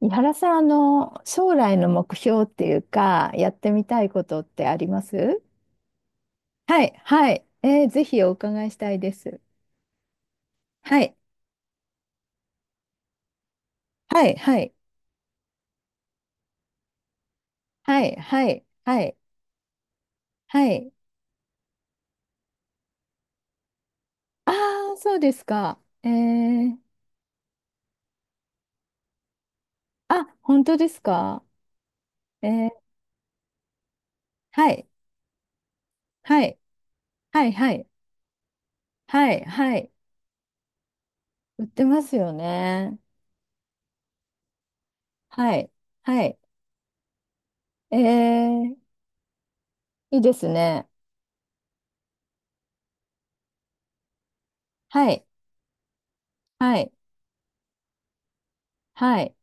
井原さん、将来の目標っていうか、やってみたいことってあります？はい、はい。ぜひお伺いしたいです。はい、はい、はい、はい、はい、はい、はい。ああ、そうですか。あ、本当ですか？えー、はい、はい、はい、はい、はい、はい。売ってますよね。はい、はい。えー、いいですね。はい、はい、はい、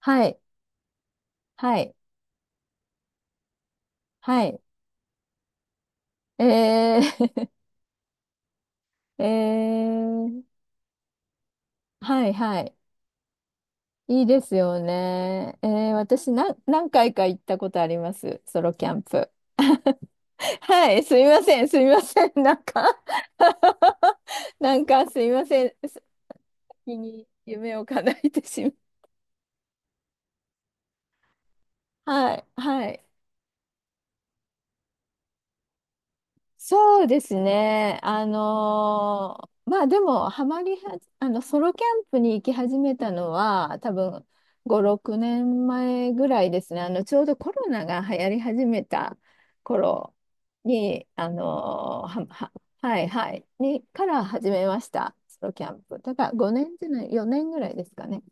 はい、はい、はい。えー、えー、はいはい。いいですよね。私な、何回か行ったことあります。ソロキャンプ。はい、すみません、すみません。なんか なんかすみません。先に夢を叶えてしまう。はい、はい。そうですね。まあでも、ハマりは、ソロキャンプに行き始めたのは、多分5、6年前ぐらいですね。ちょうどコロナが流行り始めた頃に、はいはい、に、から始めました。ソロキャンプ。だから5年じゃない、4年ぐらいですかね。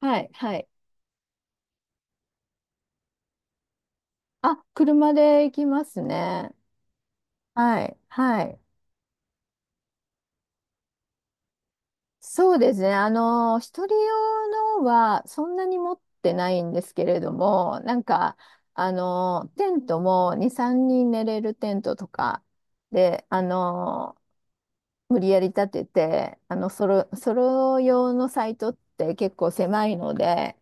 はいはい。あ、車で行きますね。はいはい。そうですね。一人用のはそんなに持ってないんですけれども、なんか、テントも2、3人寝れるテントとかで、無理やり立てて、ソロ用のサイトって結構狭いので、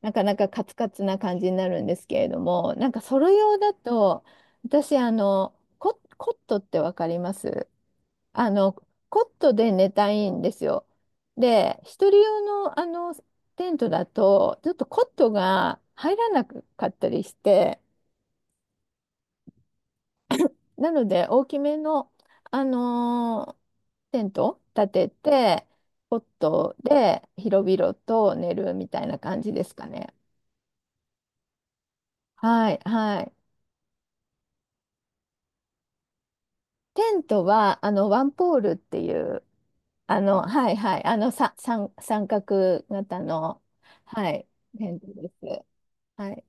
なかなかカツカツな感じになるんですけれども、なんかソロ用だと、私、コットってわかります？あの、コットで寝たいんですよ。で、一人用の、テントだと、ちょっとコットが入らなかったりして、なので大きめの、あのテント立てて、コットで広々と寝るみたいな感じですかね。はい、はい。テントは、ワンポールっていう、三角型の、はい、テントです。はい。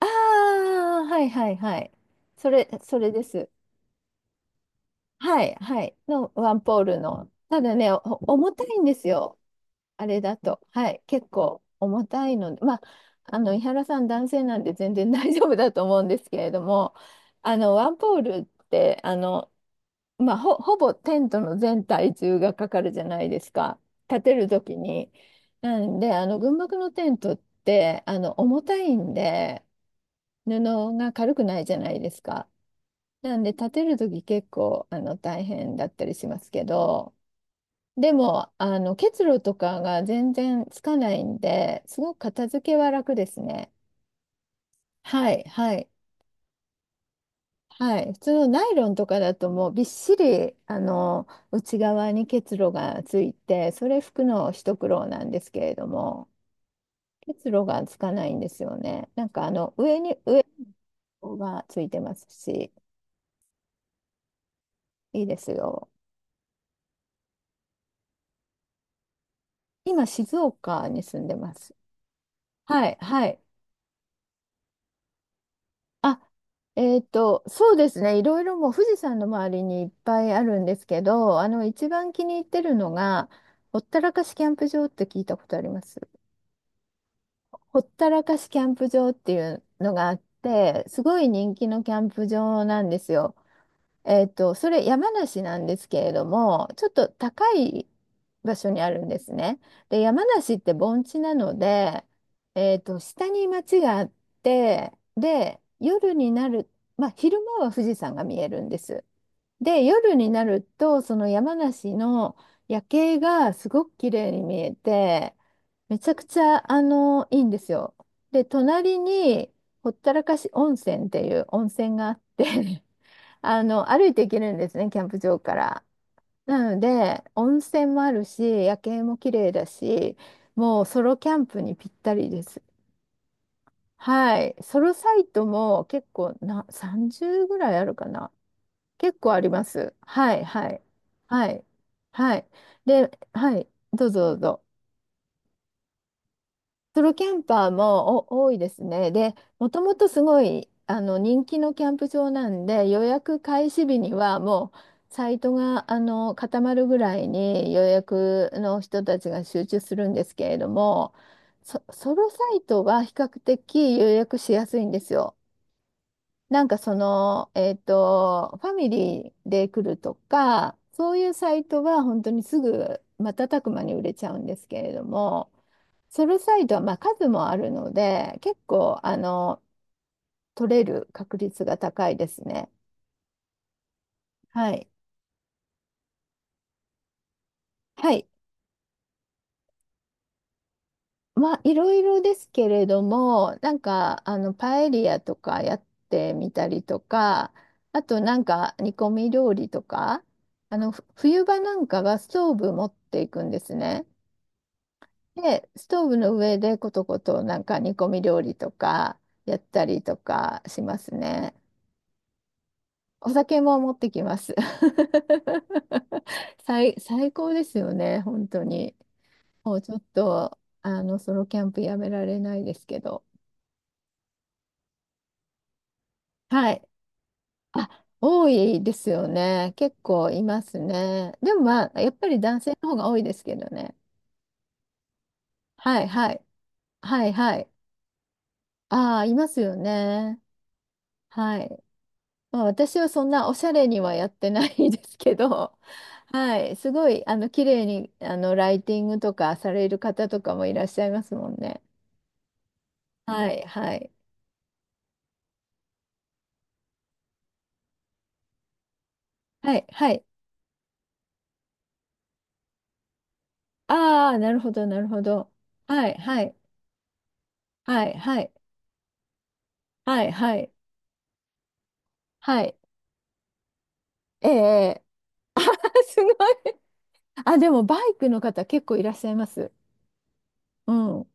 ああ、はいはいはい。それ、それです。はい、はい、のワンポールの。ただね、重たいんですよ。あれだと。はい、結構重たいので、まあ、井原さん男性なんで全然大丈夫だと思うんですけれども、ワンポールって、ほぼテントの全体重がかかるじゃないですか、立てるときに。なんで、軍幕のテントって重たいんで、布が軽くないじゃないですか。なんで立てるとき結構大変だったりしますけど、でも結露とかが全然つかないんで、すごく片付けは楽ですね。はい、はい、はい。普通のナイロンとかだともうびっしり内側に結露がついて、それ拭くの一苦労なんですけれども、結露がつかないんですよね。なんか上に上がついてますし、いいですよ。今静岡に住んでます。はい、はい。あ、そうですね、いろいろもう富士山の周りにいっぱいあるんですけど、一番気に入ってるのが、ほったらかしキャンプ場って聞いたことあります？ほったらかしキャンプ場っていうのがあって、すごい人気のキャンプ場なんですよ。それ山梨なんですけれども、ちょっと高い場所にあるんですね。で、山梨って盆地なので、下に町があって、で、夜になる、まあ、昼間は富士山が見えるんです。で、夜になると、その山梨の夜景がすごく綺麗に見えて、めちゃくちゃ、いいんですよ。で、隣に、ほったらかし温泉っていう温泉があって、歩いて行けるんですね、キャンプ場から。なので、温泉もあるし、夜景も綺麗だし、もうソロキャンプにぴったりです。はい。ソロサイトも結構な、30ぐらいあるかな。結構あります。はい、はい。はい。はい。で、はい。どうぞどうぞ。ソロキャンパーも多いですね。で、もともとすごい人気のキャンプ場なんで、予約開始日にはもうサイトが固まるぐらいに予約の人たちが集中するんですけれども、ソロサイトは比較的予約しやすいんですよ。なんかその、ファミリーで来るとか、そういうサイトは本当にすぐ瞬く間に売れちゃうんですけれども。ソルサイドはまあ数もあるので、結構取れる確率が高いですね。はい。はい。まあいろいろですけれども、なんかパエリアとかやってみたりとか、あとなんか煮込み料理とか、あのふ冬場なんかはストーブ持っていくんですね。で、ストーブの上でコトコトなんか煮込み料理とかやったりとかしますね。お酒も持ってきます。最、最高ですよね、本当に。もうちょっと、ソロキャンプやめられないですけど。はい。あ、多いですよね。結構いますね。でもまあ、やっぱり男性の方が多いですけどね。はいはい。はいはい。ああ、いますよね。はい。まあ、私はそんなおしゃれにはやってないですけど、はい、すごい綺麗にライティングとかされる方とかもいらっしゃいますもんね。はいはいはいはい。ああ、なるほどなるほど。はいはいはいはいはいはいはい。ええ、あー、 すごい。あ、でもバイクの方結構いらっしゃいます。うん。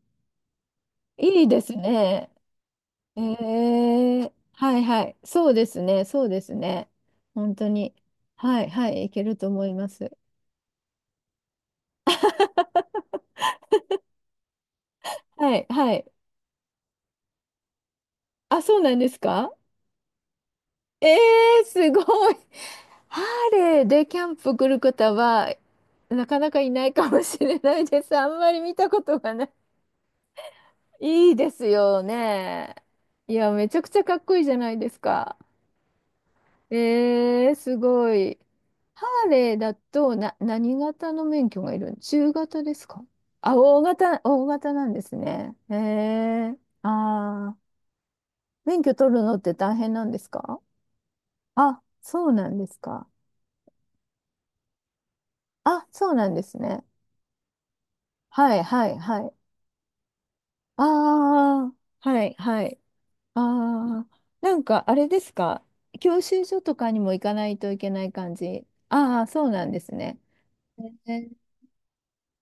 いいですね。はいはい。そうですね、そうですね。本当に。はいはい、いけると思います。はいはい。あ、そうなんですか？えすごい。ハーレーでキャンプ来る方は、なかなかいないかもしれないです。あんまり見たことがない。いいですよね。いや、めちゃくちゃかっこいいじゃないですか。すごい。ハーレーだとな、何型の免許がいる？中型ですか？あ、大型なんですね。ー、あー、免許取るのって大変なんですか？あ、そうなんですか。あ、そうなんですね。はい、はい、はい。あー、はい、はい。あー、なんかあれですか？教習所とかにも行かないといけない感じ。あー、そうなんですね。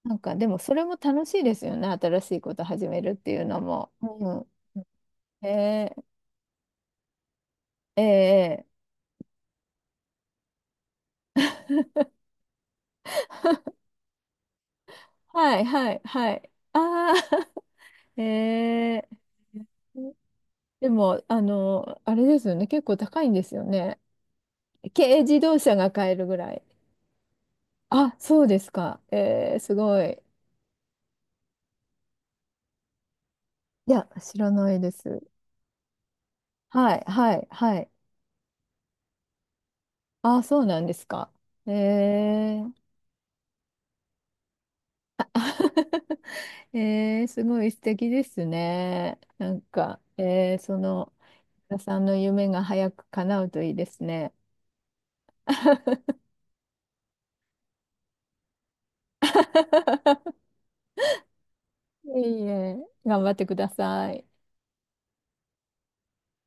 なんかでもそれも楽しいですよね。新しいこと始めるっていうのも。うん。ー、えーえーはいはいはい。ああ、 えー、でも、あれですよね。結構高いんですよね。軽自動車が買えるぐらい。あ、そうですか。すごい。いや、知らないです。はいはいはい。ああ、そうなんですか。えー すごい素敵ですね。なんか、その、原さんの夢が早く叶うといいですね。いえいえ、頑張ってください。